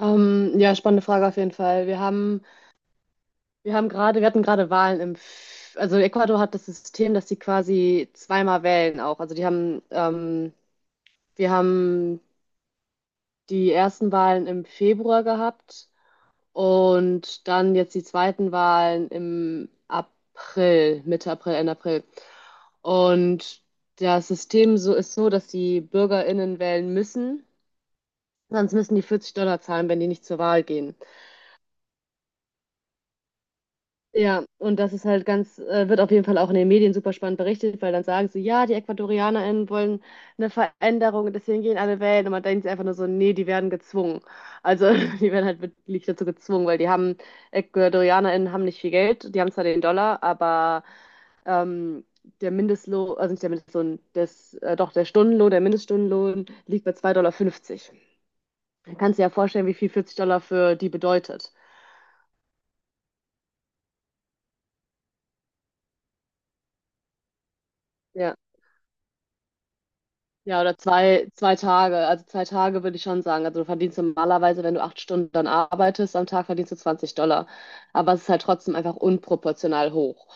Ja, spannende Frage auf jeden Fall. Wir hatten gerade Wahlen also Ecuador hat das System, dass sie quasi zweimal wählen auch. Wir haben die ersten Wahlen im Februar gehabt und dann jetzt die zweiten Wahlen im April, Mitte April, Ende April. Und das System so ist so, dass die BürgerInnen wählen müssen, sonst müssen die $40 zahlen, wenn die nicht zur Wahl gehen. Ja, und das ist halt ganz, wird auf jeden Fall auch in den Medien super spannend berichtet, weil dann sagen sie, ja, die EcuadorianerInnen wollen eine Veränderung und deswegen gehen alle wählen. Und man denkt sich einfach nur so, nee, die werden gezwungen. Also die werden halt wirklich dazu gezwungen, weil EcuadorianerInnen haben nicht viel Geld, die haben zwar den Dollar, aber ähm, der Mindestlohn, also nicht der Mindestlohn, das, doch der Stundenlohn, der Mindeststundenlohn liegt bei $2,50. Dann kannst du dir ja vorstellen, wie viel $40 für die bedeutet. Ja. Ja, oder zwei, zwei Tage. Also 2 Tage würde ich schon sagen. Also du verdienst normalerweise, wenn du 8 Stunden dann arbeitest, am Tag verdienst du $20. Aber es ist halt trotzdem einfach unproportional hoch.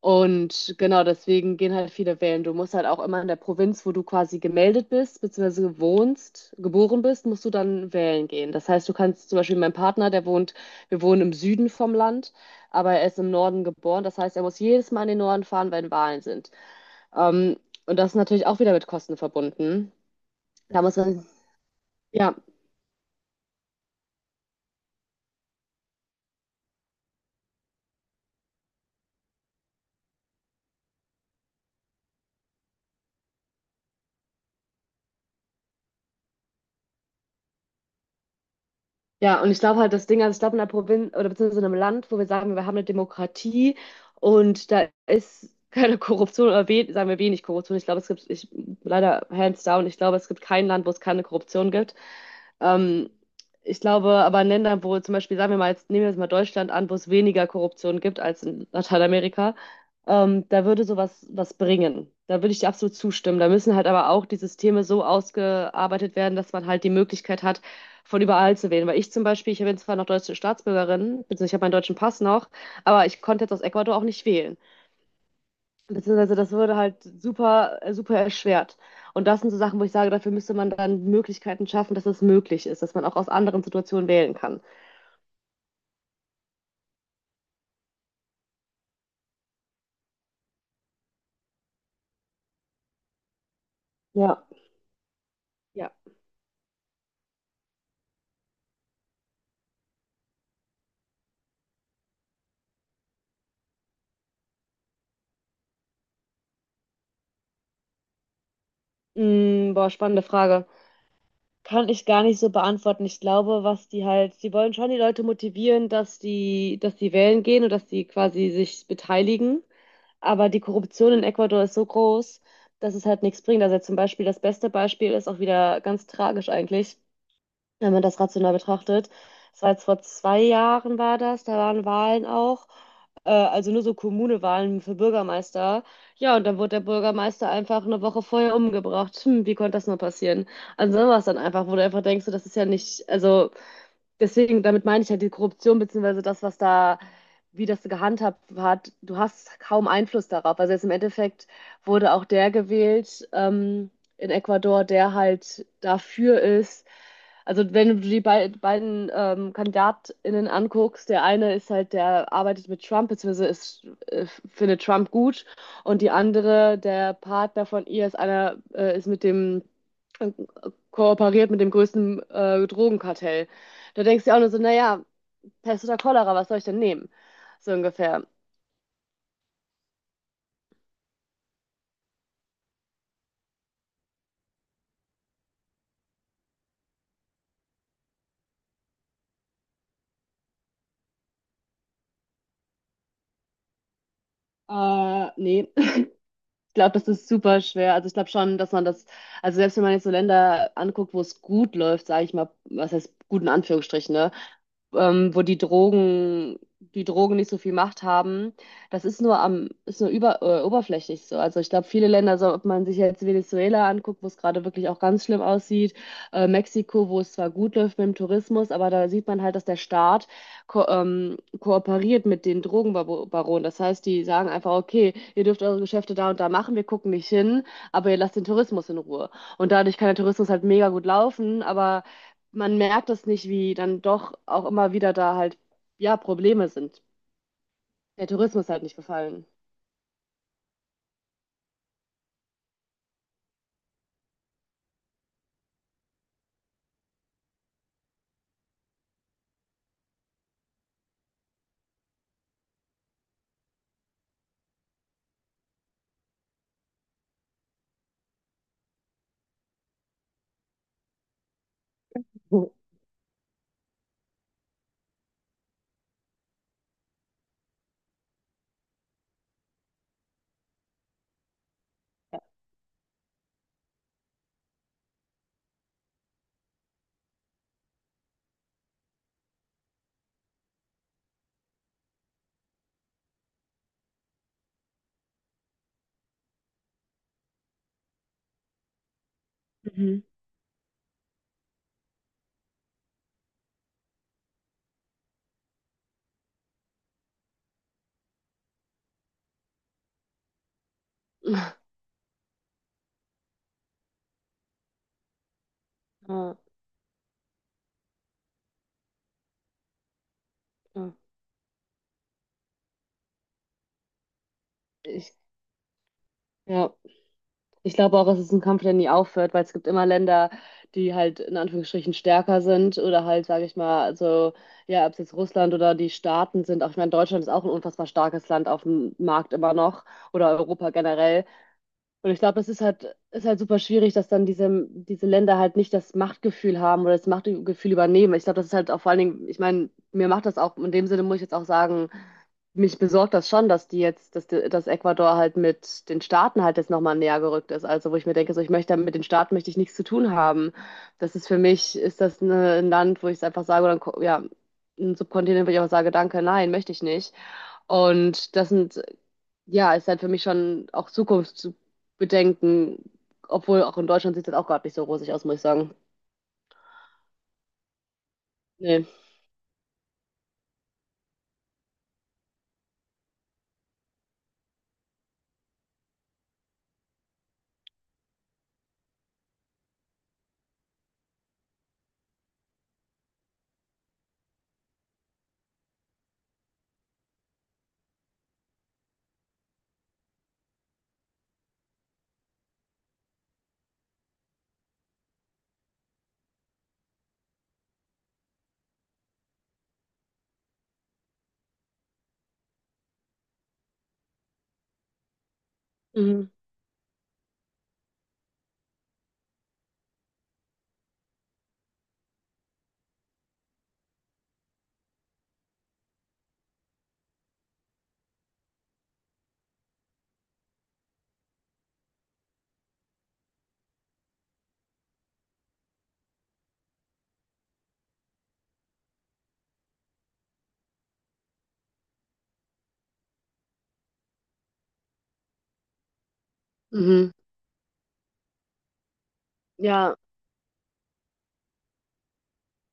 Und genau deswegen gehen halt viele wählen. Du musst halt auch immer in der Provinz, wo du quasi gemeldet bist, beziehungsweise wohnst, geboren bist, musst du dann wählen gehen. Das heißt, du kannst zum Beispiel mein Partner, der wohnt, wir wohnen im Süden vom Land, aber er ist im Norden geboren. Das heißt, er muss jedes Mal in den Norden fahren, wenn Wahlen sind. Ähm, und das ist natürlich auch wieder mit Kosten verbunden. Da muss man, ja, ja, und ich glaube halt, das Ding, also ich glaube, in einer Provinz oder beziehungsweise in einem Land, wo wir sagen, wir haben eine Demokratie und da ist keine Korruption oder we sagen wir wenig Korruption. Ich glaube, es gibt, leider hands down, ich glaube, es gibt kein Land, wo es keine Korruption gibt. Ähm, Ich glaube, aber in Ländern, wo zum Beispiel, sagen wir mal, jetzt nehmen wir jetzt mal Deutschland an, wo es weniger Korruption gibt als in Lateinamerika, da würde sowas was bringen. Da würde ich dir absolut zustimmen. Da müssen halt aber auch die Systeme so ausgearbeitet werden, dass man halt die Möglichkeit hat, von überall zu wählen. Weil ich zum Beispiel, ich bin zwar noch deutsche Staatsbürgerin, beziehungsweise ich habe meinen deutschen Pass noch, aber ich konnte jetzt aus Ecuador auch nicht wählen. Beziehungsweise das würde halt super, super erschwert. Und das sind so Sachen, wo ich sage, dafür müsste man dann Möglichkeiten schaffen, dass es möglich ist, dass man auch aus anderen Situationen wählen kann. Ja. Ja. Mm, boah, spannende Frage. Kann ich gar nicht so beantworten. Ich glaube, was die halt, sie wollen schon die Leute motivieren, dass die wählen gehen und dass die quasi sich beteiligen. Aber die Korruption in Ecuador ist so groß, dass es halt nichts bringt. Also zum Beispiel das beste Beispiel ist auch wieder ganz tragisch eigentlich, wenn man das rational betrachtet. Es war jetzt vor 2 Jahren war das, da waren Wahlen auch also nur so Kommunewahlen für Bürgermeister. Ja, und dann wurde der Bürgermeister einfach eine Woche vorher umgebracht. Hm, wie konnte das nur passieren? Also sowas dann einfach, wo du einfach denkst, so, das ist ja nicht, also deswegen, damit meine ich halt die Korruption, beziehungsweise das, was da, wie das gehandhabt hat, du hast kaum Einfluss darauf. Also jetzt im Endeffekt wurde auch der gewählt, in Ecuador, der halt dafür ist. Also wenn du die beiden KandidatInnen anguckst, der eine ist halt, der arbeitet mit Trump, beziehungsweise ist, findet Trump gut und die andere, der Partner von ihr ist einer, ist mit dem, äh, kooperiert mit dem größten Drogenkartell. Da denkst du auch nur so, naja, Pest oder Cholera, was soll ich denn nehmen? So ungefähr. Nee, ich glaube, das ist super schwer. Also ich glaube schon, dass man das, also selbst wenn man jetzt so Länder anguckt, wo es gut läuft, sage ich mal, was heißt gut in Anführungsstrichen, ne? Wo die Drogen nicht so viel Macht haben, das ist nur am, ist nur über, oberflächlich so. Also ich glaube, viele Länder, so, ob man sich jetzt Venezuela anguckt, wo es gerade wirklich auch ganz schlimm aussieht, Mexiko, wo es zwar gut läuft mit dem Tourismus, aber da sieht man halt, dass der Staat ko kooperiert mit den Drogenbaronen. Das heißt, die sagen einfach, okay, ihr dürft eure Geschäfte da und da machen, wir gucken nicht hin, aber ihr lasst den Tourismus in Ruhe. Und dadurch kann der Tourismus halt mega gut laufen, aber man merkt das nicht, wie dann doch auch immer wieder da halt, ja, Probleme sind. Der Tourismus halt nicht gefallen. Ja. Mhm. Ja, ja. Ich, ja. Ich glaube auch, es ist ein Kampf, der nie aufhört, weil es gibt immer Länder, die halt in Anführungsstrichen stärker sind oder halt, sage ich mal, also ja, ob es jetzt Russland oder die Staaten sind. Auch ich meine, Deutschland ist auch ein unfassbar starkes Land auf dem Markt immer noch oder Europa generell. Und ich glaube, es ist halt super schwierig, dass dann diese Länder halt nicht das Machtgefühl haben oder das Machtgefühl übernehmen. Ich glaube, das ist halt auch vor allen Dingen, ich meine, mir macht das auch, in dem Sinne muss ich jetzt auch sagen, mich besorgt das schon, dass die jetzt, dass, die- dass Ecuador halt mit den Staaten halt jetzt nochmal näher gerückt ist. Also wo ich mir denke, so ich möchte mit den Staaten möchte ich nichts zu tun haben. Das ist für mich, ist das ne, ein Land, wo ich es einfach sage, oder ja, ein Subkontinent, wo ich auch sage, danke, nein, möchte ich nicht. Und das sind ja, ist halt für mich schon auch Zukunft zu bedenken, obwohl auch in Deutschland sieht das auch gerade nicht so rosig aus, muss ich sagen. Nee. Mhm. Mhm. Ja.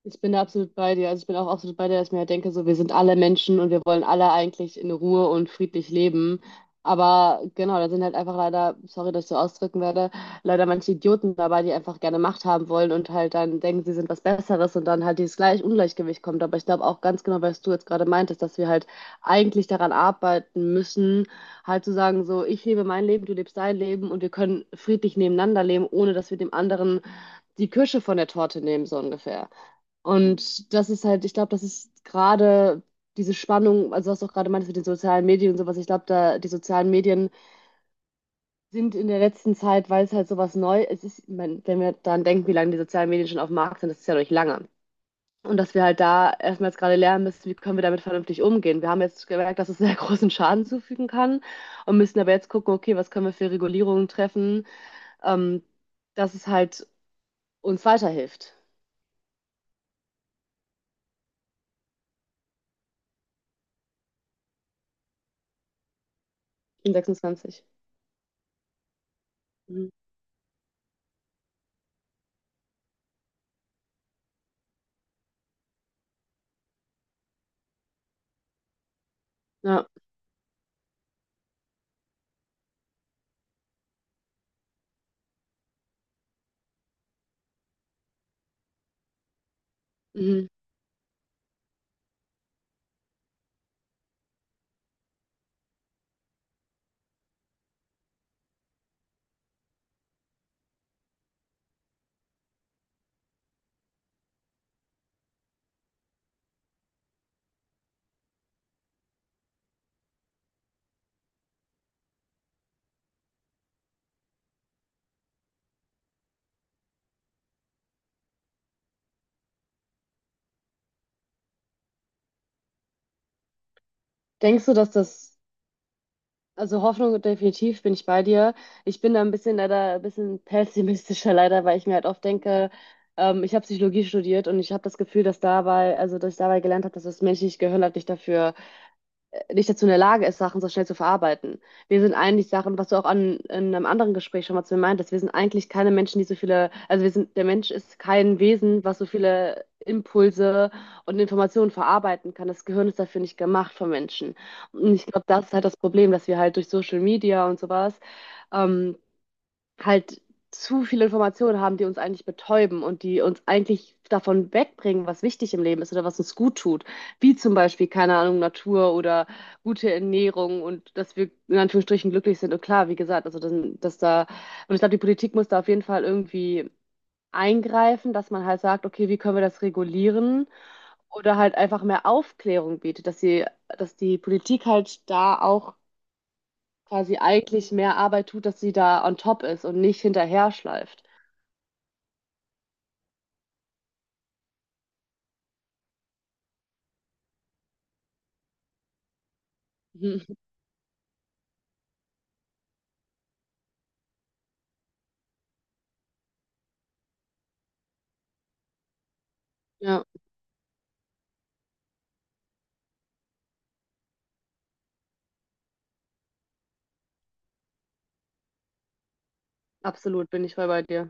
Ich bin da absolut bei dir. Also ich bin auch absolut bei dir, dass ich mir halt denke, so wir sind alle Menschen und wir wollen alle eigentlich in Ruhe und friedlich leben. Aber genau, da sind halt einfach leider, sorry, dass ich so ausdrücken werde, leider manche Idioten dabei, die einfach gerne Macht haben wollen und halt dann denken, sie sind was Besseres und dann halt dieses gleich Ungleichgewicht kommt. Aber ich glaube auch ganz genau, was du jetzt gerade meintest, dass wir halt eigentlich daran arbeiten müssen, halt zu sagen, so ich lebe mein Leben, du lebst dein Leben und wir können friedlich nebeneinander leben, ohne dass wir dem anderen die Kirsche von der Torte nehmen, so ungefähr. Und das ist halt, ich glaube, das ist gerade diese Spannung, also was du auch gerade meintest mit den sozialen Medien und sowas, ich glaube, da die sozialen Medien sind in der letzten Zeit, weil es halt sowas neu es ist, ich mein, wenn wir daran denken, wie lange die sozialen Medien schon auf dem Markt sind, das ist ja noch nicht lange. Und dass wir halt da erstmal jetzt gerade lernen müssen, wie können wir damit vernünftig umgehen. Wir haben jetzt gemerkt, dass es sehr großen Schaden zufügen kann und müssen aber jetzt gucken, okay, was können wir für Regulierungen treffen, ähm, dass es halt uns weiterhilft. Ich bin 26. Mhm. Ja. Mhm. Denkst du, dass das? Also Hoffnung definitiv bin ich bei dir. Ich bin da ein bisschen leider ein bisschen pessimistischer leider, weil ich mir halt oft denke, ich habe Psychologie studiert und ich habe das Gefühl, dass dabei, also dass ich dabei gelernt habe, dass das menschliche Gehirn halt nicht dafür nicht dazu in der Lage ist, Sachen so schnell zu verarbeiten. Wir sind eigentlich Sachen, was du auch an, in einem anderen Gespräch schon mal zu mir meintest, wir sind eigentlich keine Menschen, die so viele, also wir sind, der Mensch ist kein Wesen, was so viele Impulse und Informationen verarbeiten kann. Das Gehirn ist dafür nicht gemacht von Menschen. Und ich glaube, das ist halt das Problem, dass wir halt durch Social Media und sowas, ähm, halt zu viele Informationen haben, die uns eigentlich betäuben und die uns eigentlich davon wegbringen, was wichtig im Leben ist oder was uns gut tut. Wie zum Beispiel, keine Ahnung, Natur oder gute Ernährung und dass wir in Anführungsstrichen glücklich sind. Und klar, wie gesagt, also dass, dass da, und ich glaube, die Politik muss da auf jeden Fall irgendwie eingreifen, dass man halt sagt, okay, wie können wir das regulieren? Oder halt einfach mehr Aufklärung bietet, dass sie, dass die Politik halt da auch quasi eigentlich mehr Arbeit tut, dass sie da on top ist und nicht hinterher schleift. Mhm. Ja, absolut, bin ich voll bei dir.